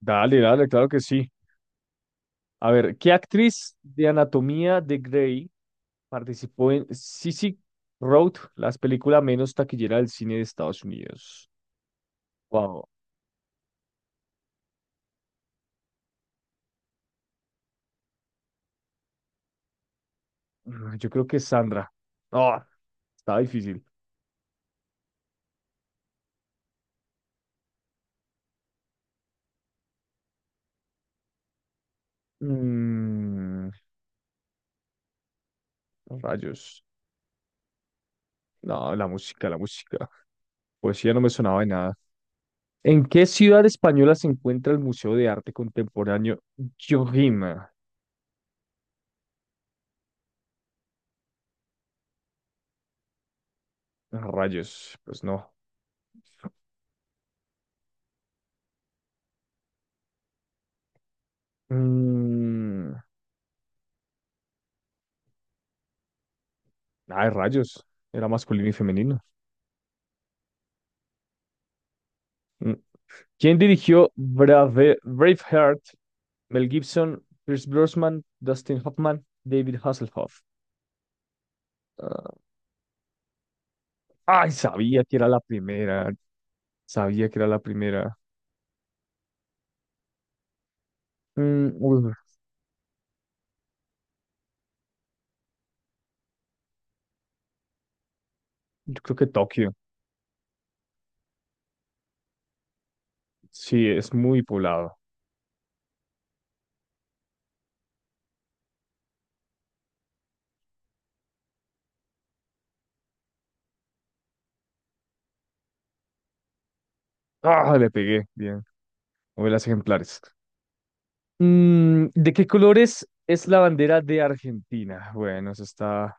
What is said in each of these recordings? Dale, dale, claro que sí. A ver, ¿qué actriz de Anatomía de Grey participó en Sissy Road, la película menos taquillera del cine de Estados Unidos? Wow, yo creo que es Sandra. No, está difícil. Mm, rayos. No, la música, la música. Poesía no me sonaba de nada. ¿En qué ciudad española se encuentra el Museo de Arte Contemporáneo Jojima? Rayos, pues no. Mm, ay, rayos. Era masculino y femenino. Mm. ¿Quién dirigió Brave, Braveheart? Mel Gibson, Pierce Brosnan, Dustin Hoffman, David Hasselhoff. Ah, ay, sabía que era la primera. Sabía que era la primera. Uy, yo creo que Tokio. Sí, es muy poblado. Ah, le pegué. Bien. Novelas ejemplares. ¿De qué colores es la bandera de Argentina? Bueno, eso está.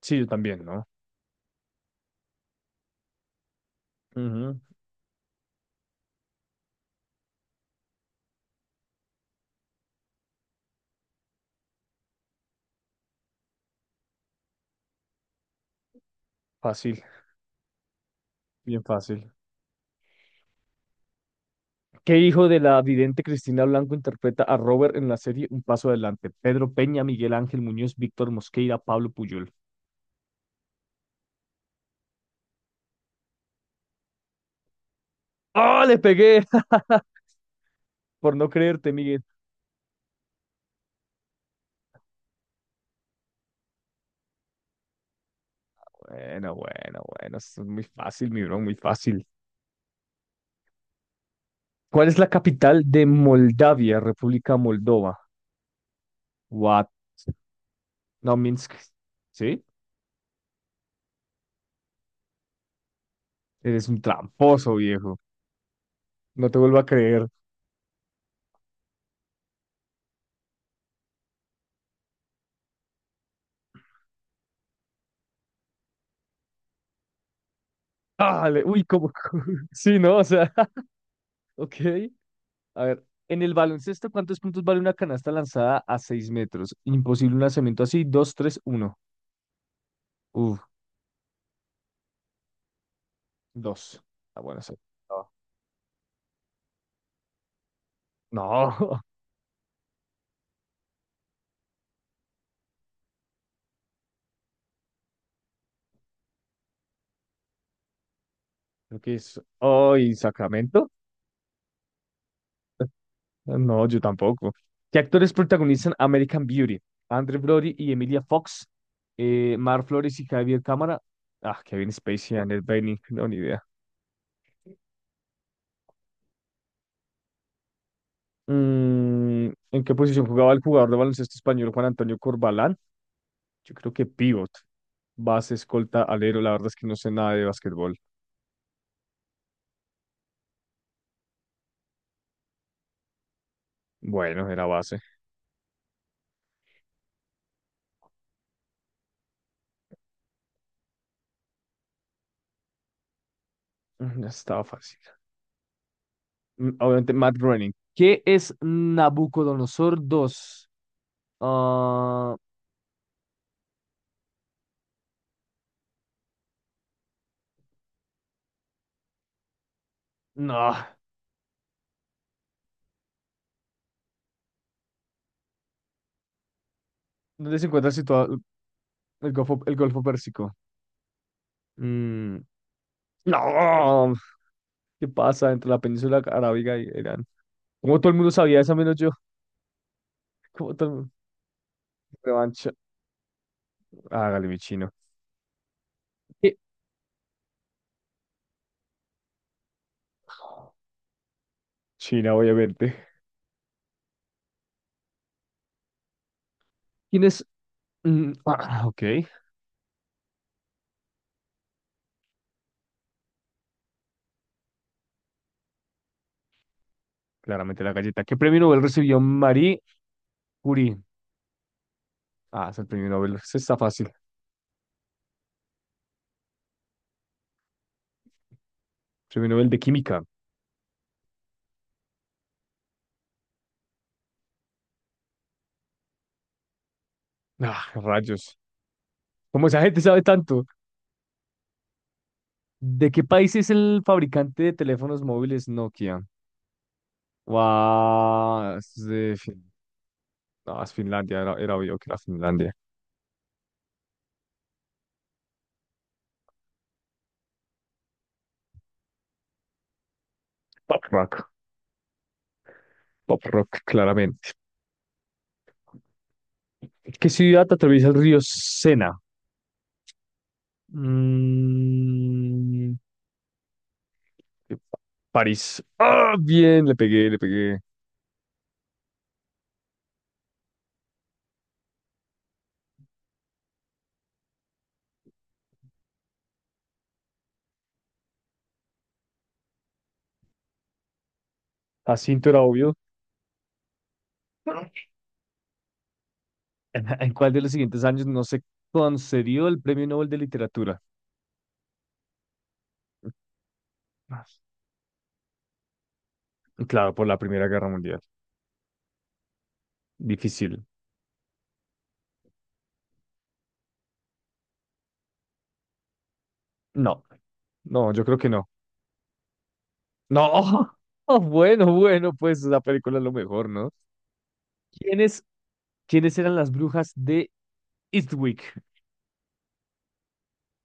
Sí, yo también, ¿no? Ujú, fácil, bien fácil. ¿Qué hijo de la vidente Cristina Blanco interpreta a Robert en la serie Un Paso Adelante? Pedro Peña, Miguel Ángel Muñoz, Víctor Mosqueira, Pablo Puyol. ¡Ah, le pegué! Por no creerte, Miguel. Bueno, bueno, bueno. Esto es muy fácil, mi bro, muy fácil. ¿Cuál es la capital de Moldavia, República Moldova? What? No, Minsk. ¿Sí? Eres un tramposo, viejo. No te vuelvo a creer. ¡Ah, uy, cómo! Sí, ¿no? O sea, ok. A ver, en el baloncesto, ¿cuántos puntos vale una canasta lanzada a 6 metros? Imposible un lanzamiento así. Dos, tres, uno. Uf, 2. Ah, bueno, sí. No. No, creo que es. Oh, ¿y Sacramento? No, yo tampoco. ¿Qué actores protagonizan American Beauty? Andrew Brody y Emilia Fox. Mar Flores y Javier Cámara. Ah, Kevin Spacey y Annette Bening. No, ni idea. ¿En qué posición jugaba el jugador de baloncesto español Juan Antonio Corbalán? Yo creo que pivot. Base, escolta, alero. La verdad es que no sé nada de básquetbol. Bueno, era base. Ya estaba fácil. Obviamente, Matt Groening. ¿Qué es Nabucodonosor dos? Ah, no. ¿Dónde se encuentra situado el Golfo Pérsico? Mm, No. ¿Qué pasa entre la península arábiga y Irán? Como todo el mundo sabía eso, menos yo. Como todo el mundo. Revancha. Hágale, mi chino. ¿qué- China, obviamente. ¿Quién es? Mm, ah, ok. Claramente la galleta. ¿Qué premio Nobel recibió Marie Curie? Ah, es el premio Nobel. Ese está fácil. Premio Nobel de Química. Ah, rayos. ¿Cómo esa gente sabe tanto? ¿De qué país es el fabricante de teléfonos móviles Nokia? Guau, no, es Finlandia. Era obvio que era Finlandia. Pop rock. Pop rock, claramente. ¿Qué ciudad atraviesa el río Sena? Mm, París. Ah, bien, le pegué, le pegué. Jacinto era obvio. ¿En cuál de los siguientes años no se concedió el Premio Nobel de Literatura? Claro, por la Primera Guerra Mundial. Difícil. No, no, yo creo que no. No, oh, bueno, bueno, pues la película es lo mejor, ¿no? ¿Quiénes, quiénes eran las brujas de Eastwick?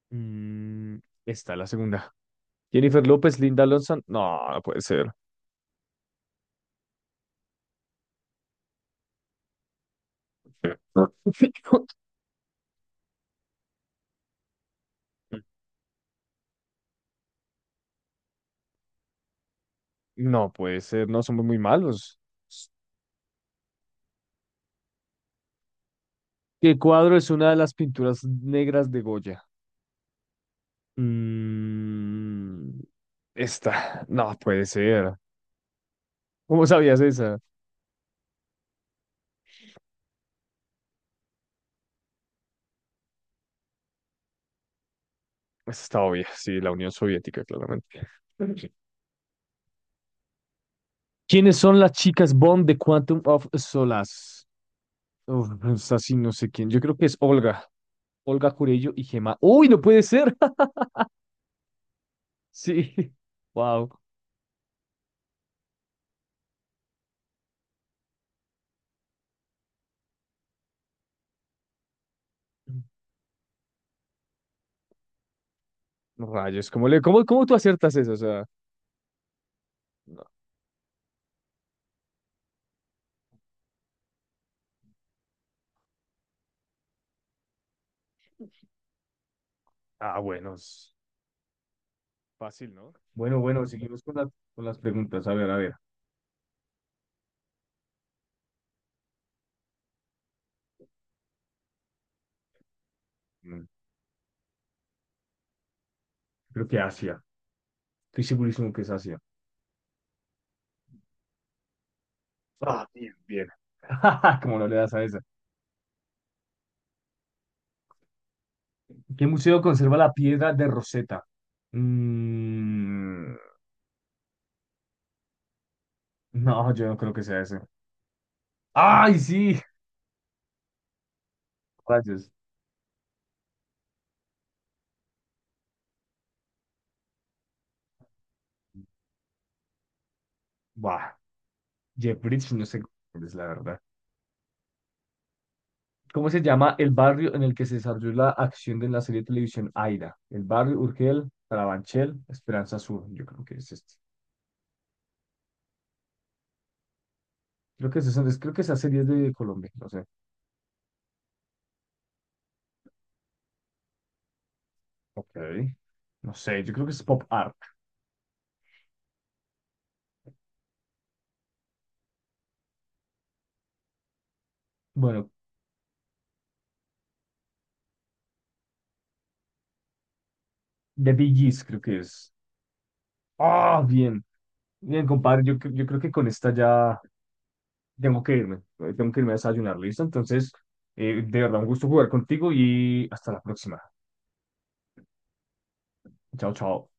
Mm, esta, la segunda. Jennifer López, Linda Lonson. No, no puede ser. No puede ser, no, somos muy malos. ¿Qué cuadro es una de las pinturas negras de Goya? Mm, esta, no puede ser. ¿Cómo sabías esa? Esta está obvia, sí, la Unión Soviética, claramente. Sí. ¿Quiénes son las chicas Bond de Quantum of Solace? Uf, esta sí no sé quién. Yo creo que es Olga Curello y Gemma. ¡Uy, no puede ser! Sí, wow. Rayos, ¿cómo cómo tú aciertas eso? O sea, no. Ah, bueno, es fácil, ¿no? Bueno, bueno, seguimos con las preguntas. A ver, a ver. Mm. Creo que Asia. Estoy segurísimo que es Asia. Ah, bien, bien. Como no le das a esa. ¿Qué museo conserva la piedra de Rosetta? Mm, no, yo no creo que sea ese. ¡Ay, sí! Rayos. Bah, Jeffries, no sé cuál es la verdad. ¿Cómo se llama el barrio en el que se desarrolló la acción de la serie de televisión Aira? El barrio Urgel, Carabanchel, Esperanza Sur. Yo creo que es este. Creo que esa serie es de Colombia, no sé. Ok. No sé, yo creo que es pop art. Bueno, The Bee Gees creo que es. Ah, bien, bien, compadre. Yo creo que con esta ya tengo que irme. Tengo que irme a desayunar, ¿listo? Entonces, de verdad, un gusto jugar contigo y hasta la próxima. Chao, chao.